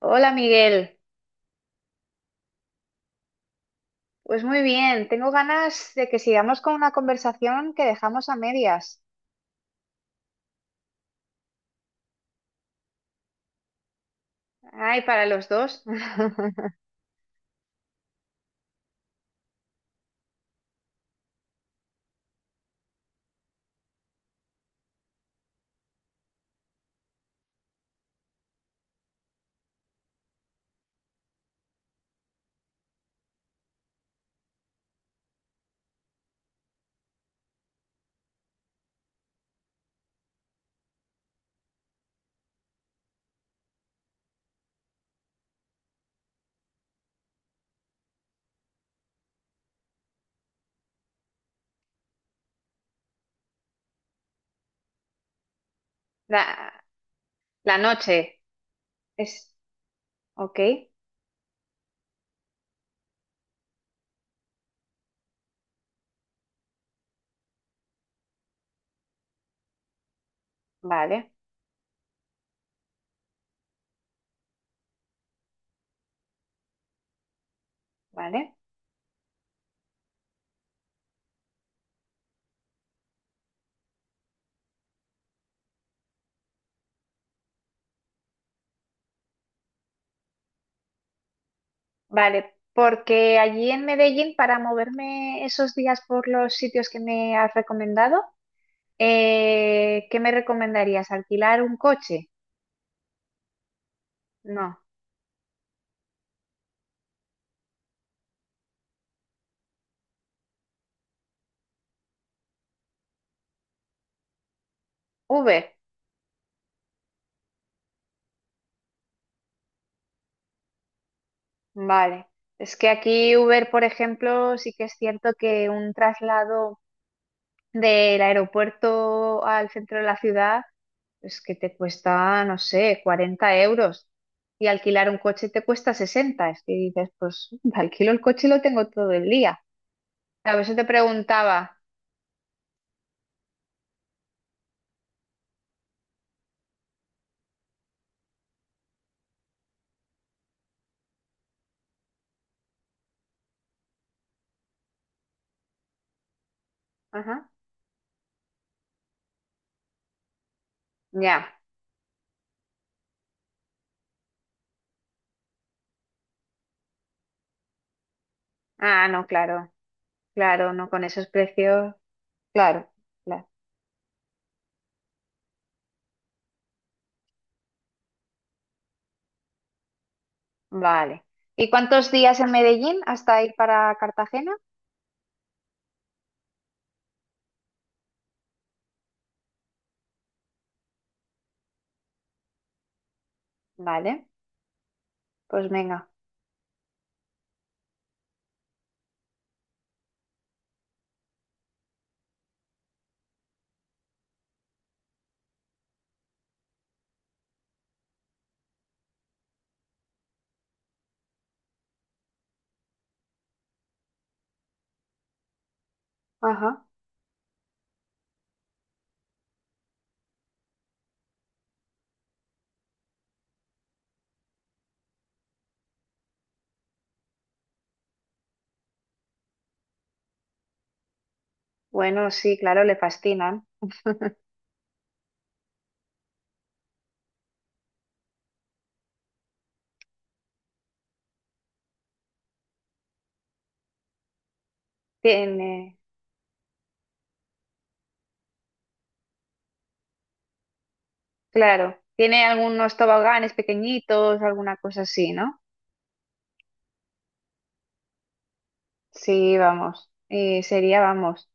Hola, Miguel. Pues muy bien, tengo ganas de que sigamos con una conversación que dejamos a medias. Ay, para los dos. La, la noche es... Ok, vale, vale, vale, porque allí en Medellín, para moverme esos días por los sitios que me has recomendado, ¿qué me recomendarías? ¿Alquilar un coche? No, Uber, vale. Es que aquí Uber, por ejemplo, sí que es cierto que un traslado del aeropuerto al centro de la ciudad, pues que te cuesta, no sé, 40 euros. Y alquilar un coche te cuesta 60. Es que dices, pues alquilo el coche y lo tengo todo el día. A veces te preguntaba, ajá, ya. Ah, no, claro, claro, no con esos precios, claro, claro, vale. ¿Y cuántos días en Medellín hasta ir para Cartagena? Vale, pues venga, ajá. Bueno, sí, claro, le fascinan. Tiene. Claro, tiene algunos toboganes pequeñitos, alguna cosa así, ¿no? Sí, vamos, sería, vamos.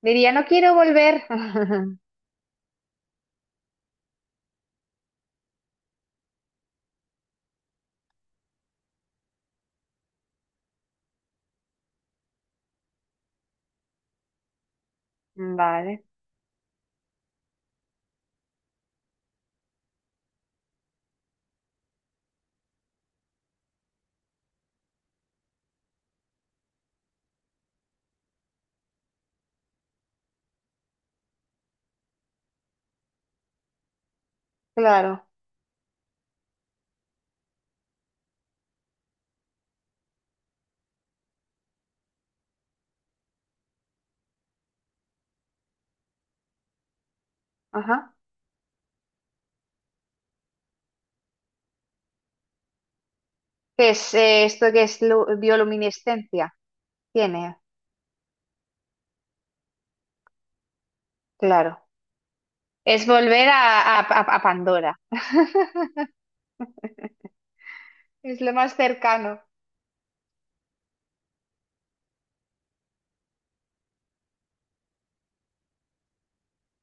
Diría, no quiero volver. Vale, claro, ajá. ¿Qué es esto que es bioluminiscencia? Tiene, claro. Es volver a, a Pandora. Es lo más cercano,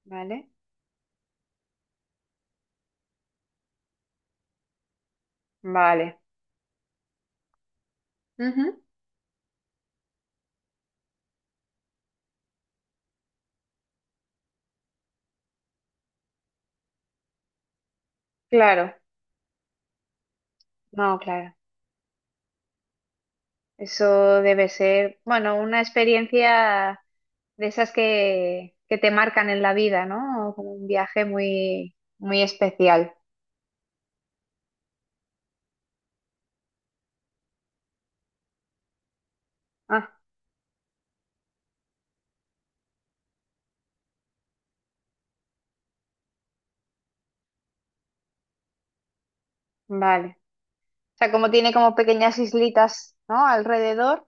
¿vale? Vale. Ujú. Claro, no, claro. Eso debe ser, bueno, una experiencia de esas que te marcan en la vida, ¿no? Como un viaje muy, muy especial. Ah, vale. O sea, como tiene como pequeñas islitas, ¿no? Alrededor,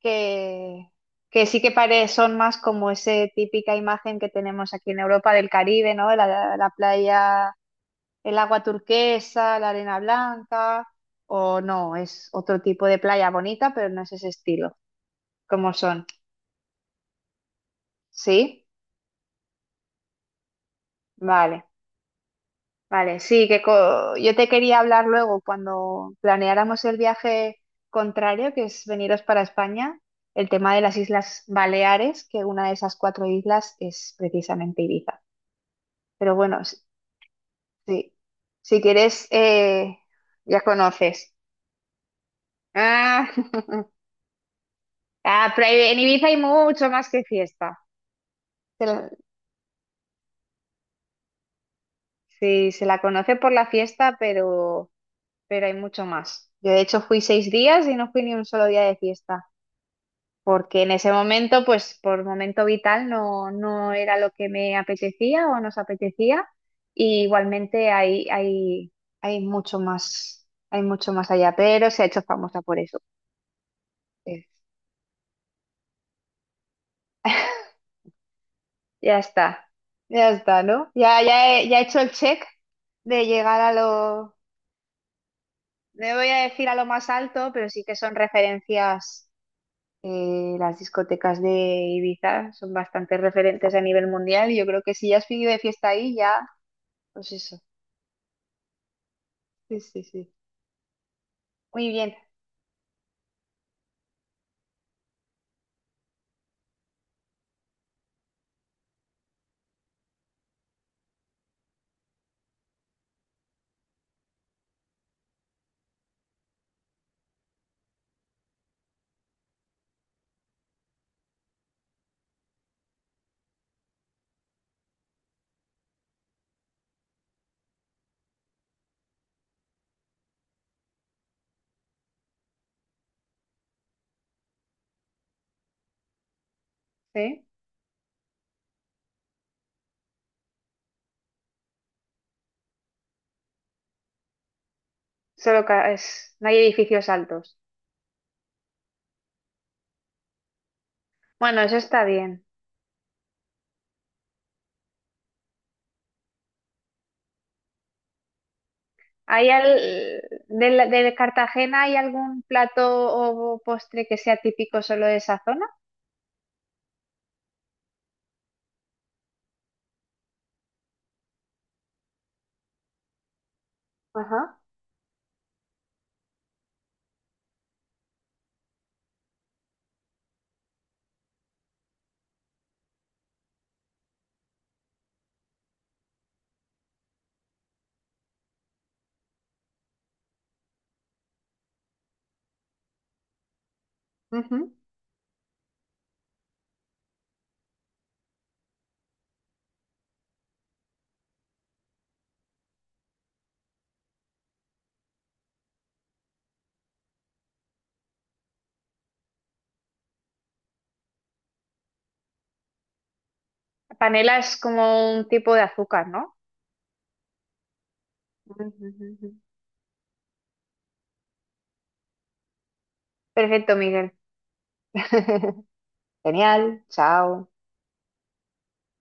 que, que sí que pare, son más como esa típica imagen que tenemos aquí en Europa del Caribe, ¿no? La playa, el agua turquesa, la arena blanca, o no, es otro tipo de playa bonita, pero no es ese estilo, como son. Sí, vale, vale. Sí, que yo te quería hablar luego cuando planeáramos el viaje contrario, que es veniros para España, el tema de las Islas Baleares, que una de esas cuatro islas es precisamente Ibiza. Pero bueno, sí, si quieres, ya conoces. Ah, ah, pero en Ibiza hay mucho más que fiesta. Se la- sí, se la conoce por la fiesta, pero hay mucho más. Yo de hecho fui 6 días y no fui ni un solo día de fiesta, porque en ese momento, pues por momento vital, no, no era lo que me apetecía o nos apetecía. Y igualmente hay mucho más allá, pero se ha hecho famosa por eso. Eh, Ya está, ya está, ¿no? Ya, ya he hecho el check de llegar a lo, no voy a decir a lo más alto, pero sí que son referencias. Las discotecas de Ibiza son bastante referentes a nivel mundial y yo creo que si ya has vivido de fiesta ahí, ya, pues eso. Sí, sí, sí. Muy bien. ¿Sí? Solo que no hay edificios altos. Bueno, eso está bien. ¿Hay Cartagena hay algún plato o postre que sea típico solo de esa zona? Ajá. Ujú. Panela es como un tipo de azúcar, ¿no? Ujú, ujú, ujú. Perfecto, Miguel. Genial, chao.